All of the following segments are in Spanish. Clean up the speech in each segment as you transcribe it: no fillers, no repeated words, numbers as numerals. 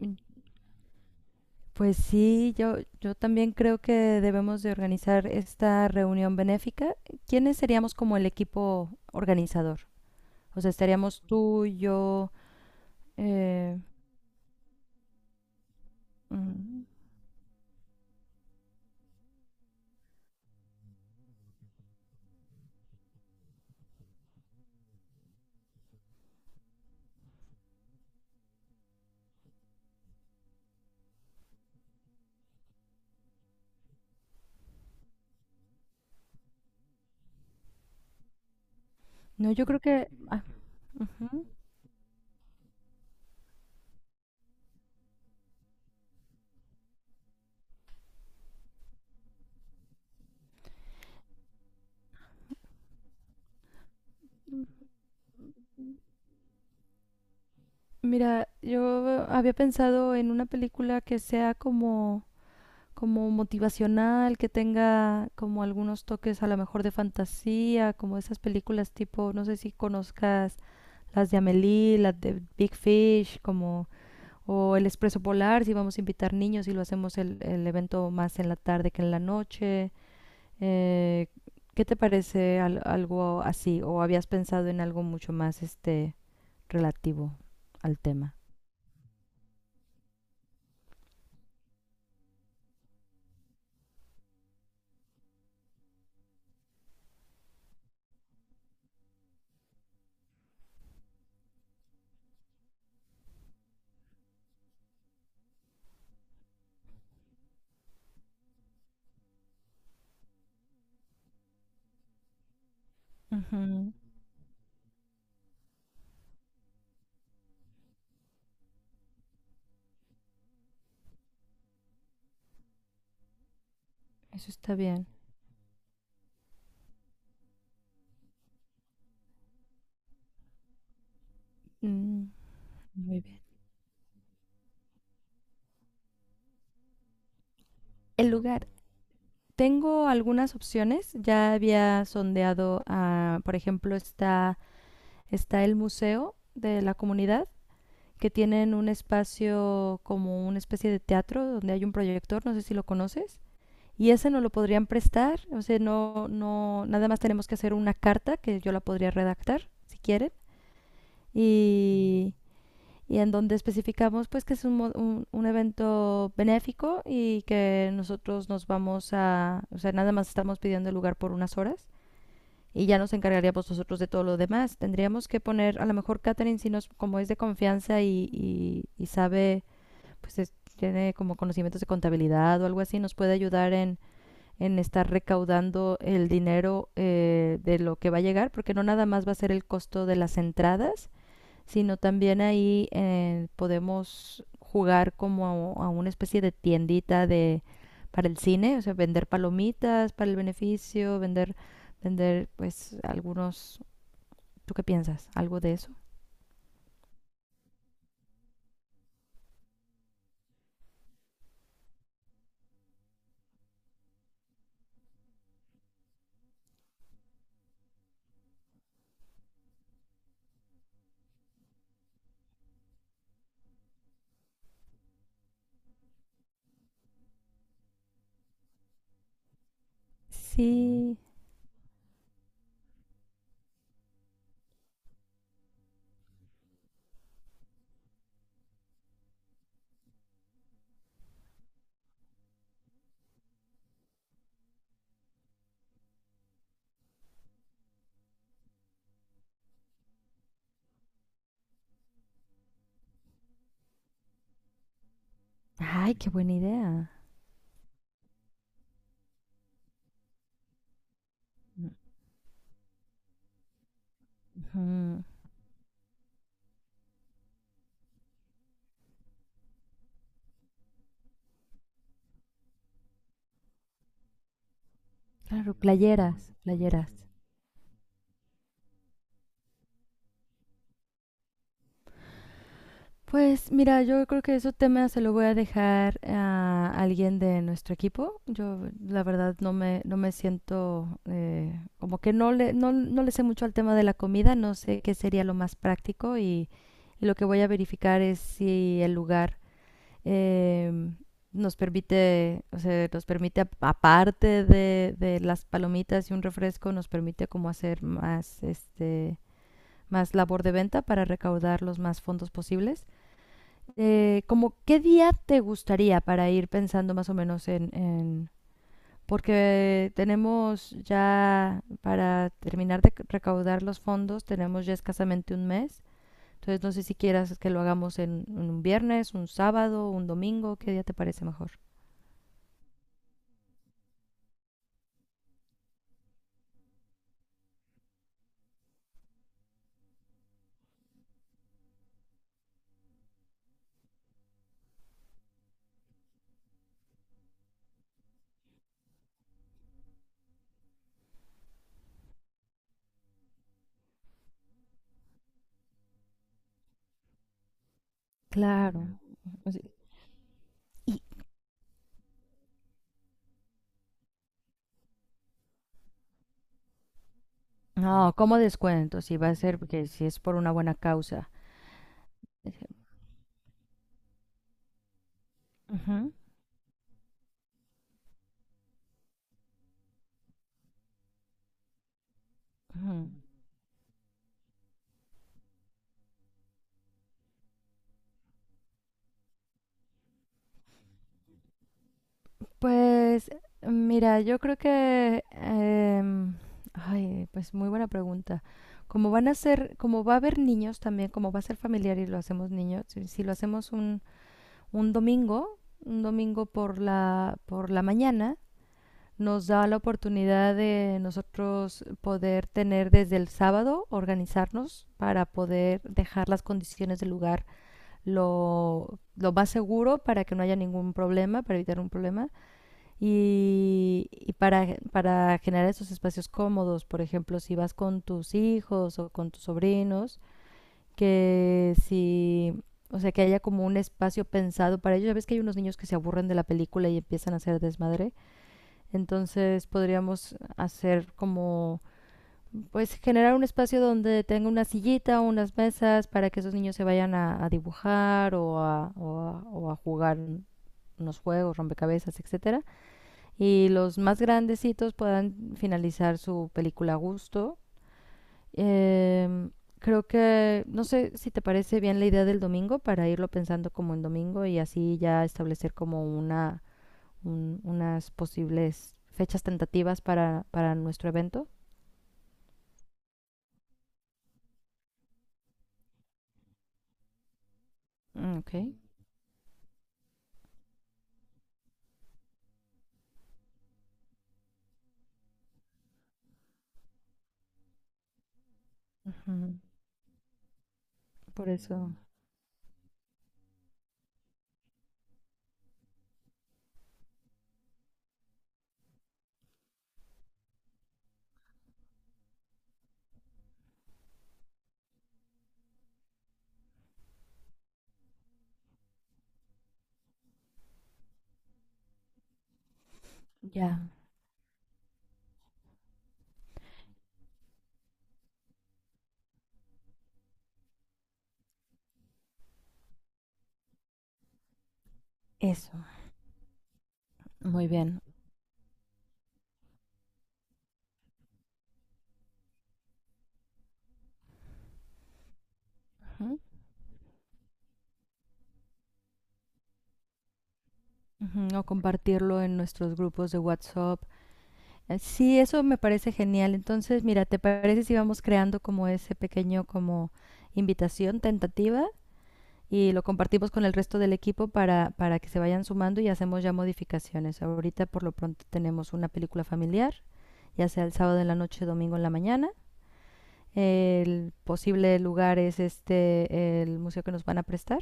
Mm, Pues sí, yo también creo que debemos de organizar esta reunión benéfica. ¿Quiénes seríamos como el equipo organizador? O sea, estaríamos tú, yo, eh, mm, no, yo creo que, ajá. Mira, yo había pensado en una película que sea como, como motivacional, que tenga como algunos toques a lo mejor de fantasía, como esas películas tipo, no sé si conozcas las de Amélie, las de Big Fish, como, o El Expreso Polar, si vamos a invitar niños y lo hacemos el evento más en la tarde que en la noche. Eh, ¿Qué te parece algo así? ¿O habías pensado en algo mucho más este relativo al tema? Ujú. Eso está bien. Mm, muy bien. El lugar. Tengo algunas opciones. Ya había sondeado, a, por ejemplo, está el museo de la comunidad, que tienen un espacio como una especie de teatro donde hay un proyector, no sé si lo conoces. Y ese no lo podrían prestar, o sea, no, no, nada más tenemos que hacer una carta que yo la podría redactar, si quieren. Y y en donde especificamos pues que es un evento benéfico y que nosotros nos vamos a, o sea, nada más estamos pidiendo el lugar por unas horas y ya nos encargaríamos nosotros de todo lo demás. Tendríamos que poner, a lo mejor Catherine, si nos, como es de confianza y, y sabe, pues tiene como conocimientos de contabilidad o algo así, nos puede ayudar en estar recaudando el dinero de lo que va a llegar, porque no nada más va a ser el costo de las entradas, sino también ahí podemos jugar como a, una especie de tiendita de para el cine, o sea, vender palomitas para el beneficio, vender pues algunos, ¿tú qué piensas? ¿Algo de eso? Sí. Ay, qué buena idea. Ujú. Claro, playeras, playeras. Pues mira, yo creo que ese tema se lo voy a dejar a alguien de nuestro equipo. Yo la verdad no me siento como que no le, no le sé mucho al tema de la comida, no sé qué sería lo más práctico y lo que voy a verificar es si el lugar em, nos permite, o sea, nos permite aparte de las palomitas y un refresco, nos permite como hacer más, este, más labor de venta para recaudar los más fondos posibles. ¿Como qué día te gustaría para ir pensando más o menos en, porque tenemos ya, para terminar de recaudar los fondos, tenemos ya escasamente 1 mes? Entonces no sé si quieras que lo hagamos en un viernes, un sábado, un domingo, ¿qué día te parece mejor? Claro. Así, no, ¿cómo descuento? Si va a ser, porque si es por una buena causa. Ujú, ujú. Pues mira, yo creo que, ay, pues muy buena pregunta. Como van a ser, como va a haber niños también, como va a ser familiar y lo hacemos niños, si, si lo hacemos un domingo por la mañana, nos da la oportunidad de nosotros poder tener desde el sábado, organizarnos para poder dejar las condiciones del lugar lo más seguro para que no haya ningún problema, para evitar un problema y para generar esos espacios cómodos, por ejemplo, si vas con tus hijos o con tus sobrinos, que si, o sea, que haya como un espacio pensado para ellos. Ya ves que hay unos niños que se aburren de la película y empiezan a hacer desmadre. Entonces podríamos hacer como, pues generar un espacio donde tenga una sillita o unas mesas para que esos niños se vayan a dibujar o a, o a jugar unos juegos, rompecabezas, etcétera y los más grandecitos puedan finalizar su película a gusto. Eh, Creo que, no sé si te parece bien la idea del domingo para irlo pensando como en domingo y así ya establecer como unas posibles fechas tentativas para nuestro evento. Mm, Ok. Ujú. Por eso, ya, eso. Muy bien. Ujú. Ujú, o compartirlo en nuestros grupos de WhatsApp. Sí, eso me parece genial. Entonces, mira, ¿te parece si vamos creando como ese pequeño como invitación tentativa y lo compartimos con el resto del equipo para que se vayan sumando y hacemos ya modificaciones? Ahorita por lo pronto tenemos una película familiar, ya sea el sábado en la noche, domingo en la mañana. El posible lugar es este, el museo que nos van a prestar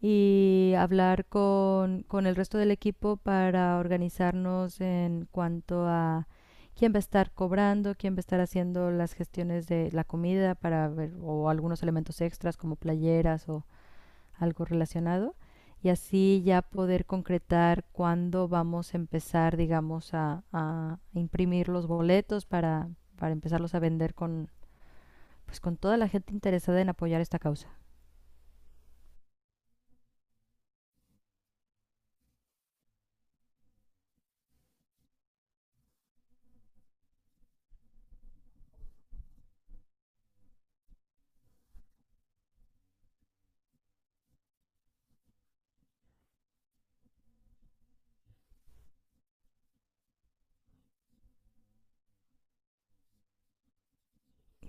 y hablar con el resto del equipo para organizarnos en cuanto a quién va a estar cobrando, quién va a estar haciendo las gestiones de la comida para ver o algunos elementos extras como playeras o algo relacionado y así ya poder concretar cuándo vamos a empezar, digamos, a imprimir los boletos para empezarlos a vender con, pues, con toda la gente interesada en apoyar esta causa.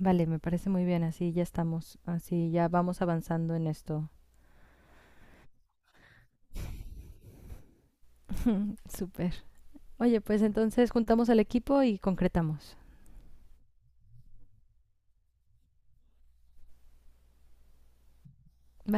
Vale, me parece muy bien, así ya estamos, así ya vamos avanzando en esto. Súper. Oye, pues entonces juntamos al equipo y concretamos.